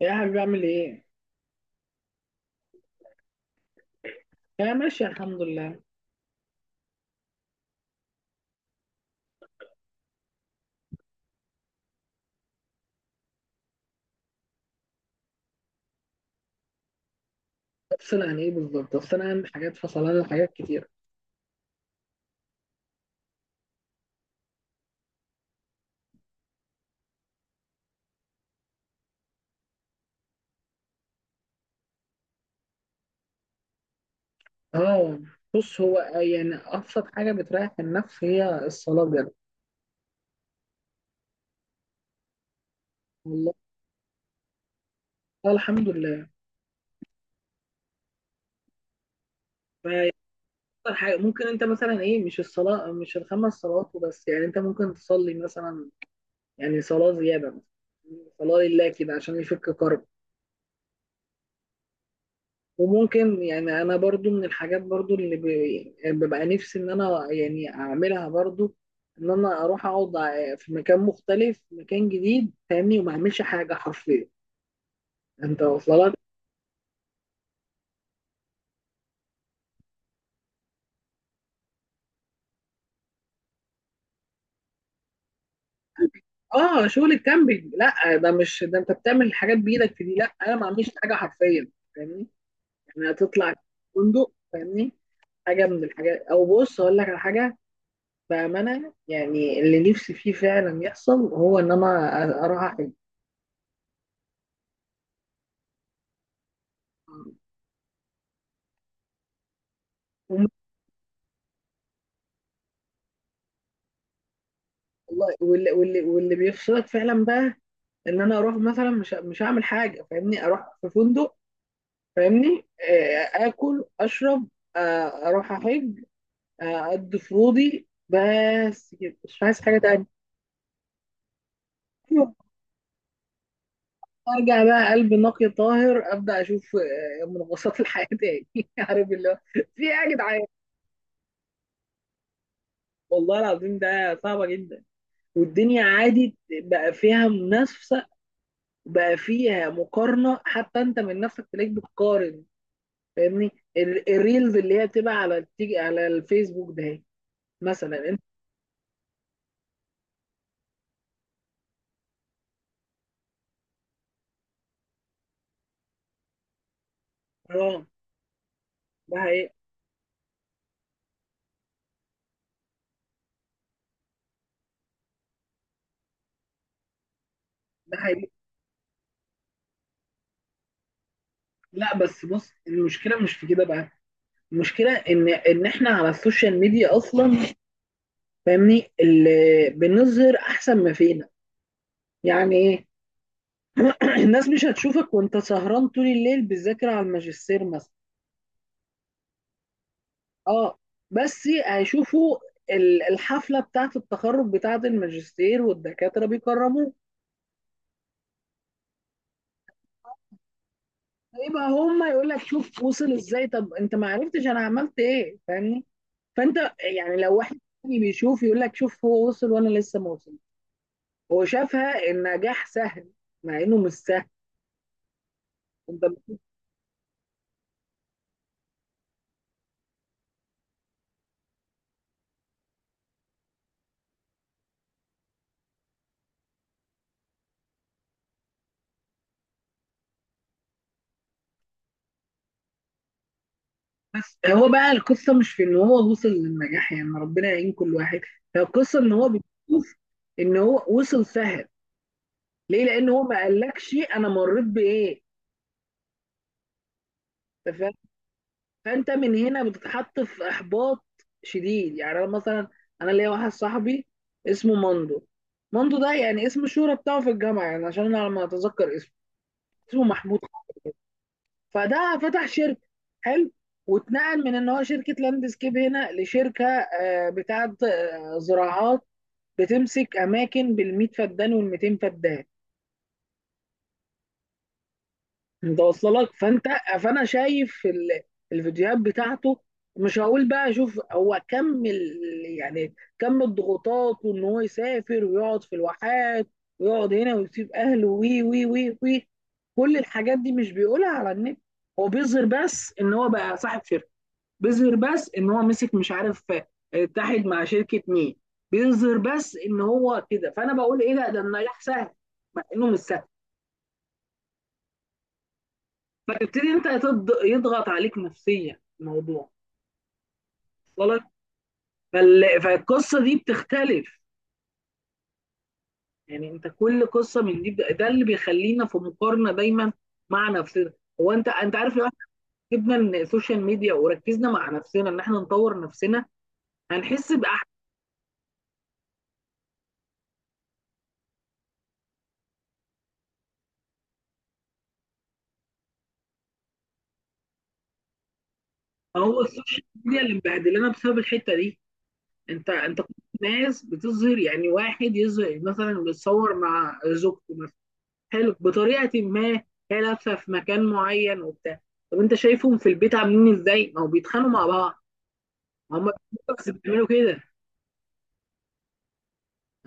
يا حبيبي اعمل ايه؟ يا ماشي الحمد لله. تفصيل عن ايه بالظبط؟ تفصيل عن حاجات فصلان عن حاجات كتير. اه، بص هو يعني ابسط حاجه بتريح النفس هي الصلاه بجد. والله الحمد لله. فهي اكتر حاجه ممكن انت مثلا ايه، مش الصلاه، مش الخمس صلوات وبس. يعني انت ممكن تصلي مثلا، يعني صلاه زياده مثلا، صلاه لله كده عشان يفك كرب. وممكن يعني انا برضو من الحاجات برضو يعني ببقى نفسي ان انا يعني اعملها برضو، ان انا اروح اقعد في مكان مختلف، مكان جديد، فاهمني، وما اعملش حاجه حرفيا. انت واصله لك؟ اه شغل الكامبينج، لا ده مش ده، انت بتعمل حاجات بايدك في دي، لا انا ما اعملش حاجه حرفيا، فاهمني. يعني هتطلع فندق، فاهمني، حاجه من الحاجات. او بص اقول لك على حاجه، بامانه، يعني اللي نفسي فيه فعلا يحصل هو ان انا اروح أحج. والله واللي, بيفصلك فعلا بقى، ان انا اروح مثلا، مش هعمل حاجه، فاهمني، اروح في فندق، فاهمني، اكل اشرب، اروح احج، اقضي فروضي، بس كده، مش عايز حاجه تانية. أيوة، ارجع بقى قلب نقي طاهر، ابدا اشوف منغصات الحياه تاني. عارف اللي هو في ايه يا جدعان؟ والله العظيم ده صعبه جدا. والدنيا عادي بقى فيها منافسه، بقى فيها مقارنه، حتى انت من نفسك تلاقيك بتقارن، فاهمني. الريلز اللي هي بتبقى على بتيجي على الفيسبوك ده هي، مثلا انستغرام، ده هي، ده هي. لا بس بص، المشكله مش في كده بقى، المشكله ان احنا على السوشيال ميديا اصلا، فاهمني، اللي بنظهر احسن ما فينا. يعني ايه؟ الناس مش هتشوفك وانت سهران طول الليل بتذاكر على الماجستير مثلا. اه، بس هيشوفوا الحفله بتاعه التخرج بتاعه الماجستير والدكاتره بيكرموك. يبقى هما يقول لك شوف وصل ازاي، طب انت ما عرفتش انا عملت ايه، فاهمني، فانت يعني لو واحد تاني بيشوف يقول لك شوف هو وصل وانا لسه ما وصل. هو شافها النجاح سهل، مع انه مش سهل. انت بس هو بقى القصه مش في ان هو وصل للنجاح، يعني ربنا يعين كل واحد، هي القصه ان هو بيشوف ان هو وصل سهل. ليه؟ لان هو ما قالكش انا مريت بايه، فانت من هنا بتتحط في احباط شديد. يعني انا مثلا انا ليا واحد صاحبي اسمه ماندو. ماندو ده يعني اسم الشهرة بتاعه في الجامعه، يعني عشان انا لما اتذكر اسمه، اسمه محمود. فده فتح شركه، حلو، واتنقل من ان هو شركه لاندسكيب هنا لشركه بتاعه زراعات، بتمسك اماكن بال100 فدان وال200 فدان. انت واصله لك؟ فانت، فانا شايف الفيديوهات بتاعته، مش هقول بقى شوف هو كم يعني كم الضغوطات، وان هو يسافر ويقعد في الواحات، ويقعد هنا، ويسيب اهله، وي وي وي وي كل الحاجات دي مش بيقولها على النت. هو بيظهر بس ان هو بقى صاحب شركه، بيظهر بس ان هو مسك مش عارف اتحد مع شركه مين، بيظهر بس ان هو كده. فانا بقول ايه ده النجاح سهل، مع انه مش سهل. فتبتدي انت يضغط عليك نفسيا الموضوع، وصلك؟ فالقصه دي بتختلف، يعني انت كل قصه من دي ده اللي بيخلينا في مقارنه دايما مع نفسنا. هو انت عارف لو احنا جبنا السوشيال ميديا وركزنا مع نفسنا ان احنا نطور نفسنا، هنحس باحسن. هو السوشيال ميديا اللي مبهدلانا بسبب الحته دي. انت كل الناس بتظهر، يعني واحد يظهر مثلا بيتصور مع زوجته، حلو، بطريقه ما، هي لابسه في مكان معين وبتاع. طب انت شايفهم في البيت عاملين ازاي؟ ما هو بيتخانقوا مع بعض، ما هم بس بيعملوا كده،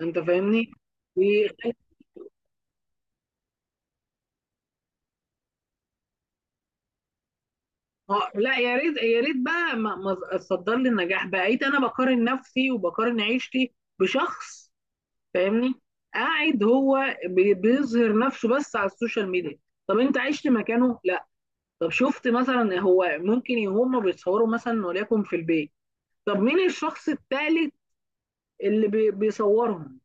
انت فاهمني؟ بي- اه، لا يا ريت يا ريت بقى ما تصدر لي النجاح، بقيت انا بقارن نفسي وبقارن عيشتي بشخص، فاهمني، قاعد هو بيظهر نفسه بس على السوشيال ميديا. طب انت عشت مكانه؟ لا. طب شفت مثلا، هو ممكن هم بيتصوروا مثلا وليكن في البيت، طب مين الشخص الثالث اللي بيصورهم؟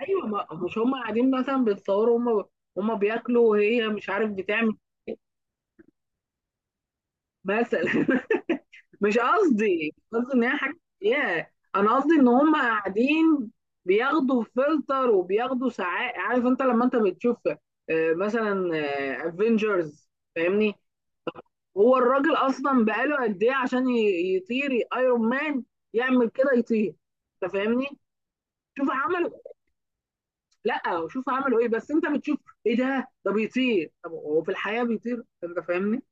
ايوه، ما مش هم قاعدين مثلا بيتصوروا هم، هم بياكلوا وهي مش عارف بتعمل مثلا. مش قصدي ان هي حاجه يا، انا قصدي ان هم قاعدين بياخدوا فلتر وبياخدوا ساعات. عارف انت لما انت بتشوف مثلا افنجرز، فاهمني، هو الراجل اصلا بقاله قد ايه عشان يطير ايرون مان، يعمل كده يطير، انت فاهمني؟ شوف عمل، لا وشوف عملوا ايه، بس انت بتشوف ايه ده، ده بيطير، طب هو في الحياه بيطير؟ انت فاهمني،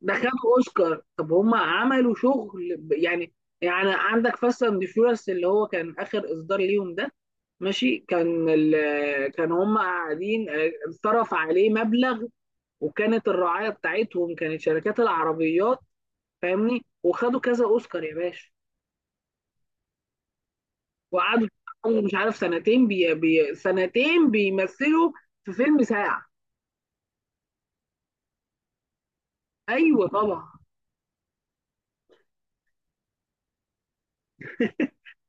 ده خدوا اوسكار. طب هم عملوا شغل يعني، يعني عندك فاست اند فيورس اللي هو كان اخر اصدار ليهم ده، ماشي، كان كان هم قاعدين اتصرف عليه مبلغ، وكانت الرعايه بتاعتهم كانت شركات العربيات، فاهمني، وخدوا كذا اوسكار يا باشا، وقعدوا مش عارف سنتين بي بي سنتين بيمثلوا في فيلم ساعه. ايوه طبعا.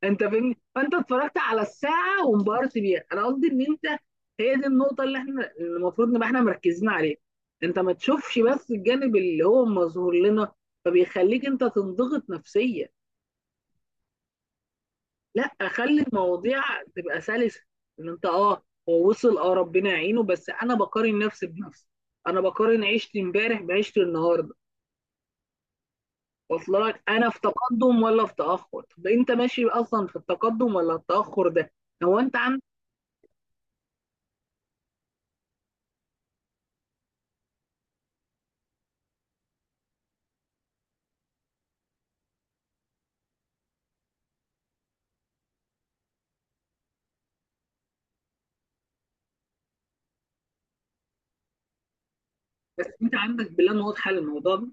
انت فاهمني، فانت اتفرجت على الساعه وانبهرت بيها. انا قصدي ان انت، هي دي النقطه اللي احنا اللي المفروض نبقى احنا مركزين عليها. انت ما تشوفش بس الجانب اللي هو مظهور لنا، فبيخليك انت تنضغط نفسيا. لا، خلي المواضيع تبقى سلسه، ان انت اه هو وصل اه ربنا يعينه، بس انا بقارن نفسي بنفسي، انا بقارن عيشتي امبارح بعيشتي النهارده، واصل لك؟ انا في تقدم ولا في تاخر، طب انت ماشي اصلا في التقدم ولا التاخر ده؟ هو انت، بس انت عندك بلان واضحه للموضوع ده،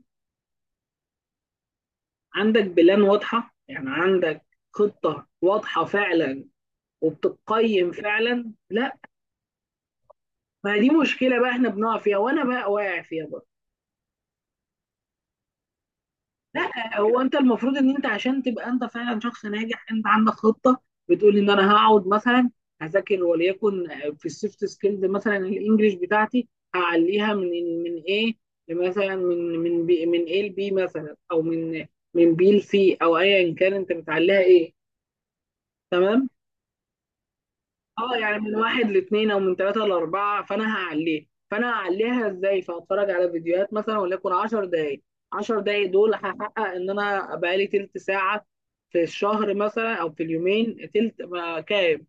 عندك بلان واضحه، يعني عندك خطه واضحه فعلا، وبتقيم فعلا؟ لا. ما دي مشكله بقى احنا بنقع فيها، وانا بقى واقع فيها برضه. لا، هو انت المفروض ان انت عشان تبقى انت فعلا شخص ناجح، انت عندك خطه، بتقول ان انا هقعد مثلا هذاكر وليكن في السوفت سكيلز مثلا، الانجليش بتاعتي هعليها من ايه، مثلا من بي من ايه لبي مثلا، او من بي لسي، او ايا كان انت بتعليها ايه، تمام؟ اه، يعني من واحد لاثنين، او من ثلاثه لاربعه، فانا هعليه، فانا هعليها ازاي؟ فهتفرج على فيديوهات مثلا وليكن 10 دقائق. 10 دقائق دول هحقق ان انا بقالي تلت ساعه في الشهر مثلا، او في اليومين تلت ما كام؟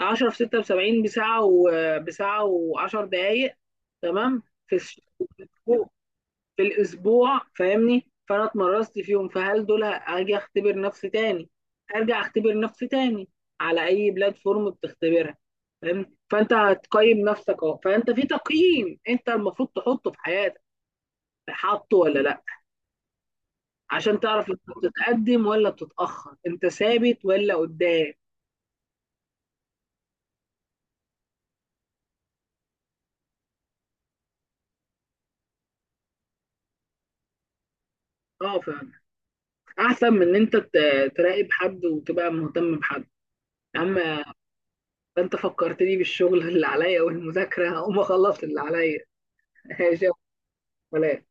10 في 6 ب 70، بساعه، وبساعه و10 دقائق، تمام، في الاسبوع، فاهمني. فانا اتمرست فيهم، فهل دول هاجي اختبر نفسي تاني، ارجع اختبر نفسي تاني على اي بلاتفورم بتختبرها، فاهم؟ فانت هتقيم نفسك اهو، فانت في تقييم انت المفروض تحطه في حياتك، حاطه ولا لا؟ عشان تعرف انت بتتقدم ولا بتتاخر، انت ثابت ولا قدام. اه فاهم. احسن من ان انت تراقب حد وتبقى مهتم بحد، يا عم. انت فكرتني بالشغل اللي عليا والمذاكره، هقوم اخلص اللي عليا. ماشي يا أبو فلان.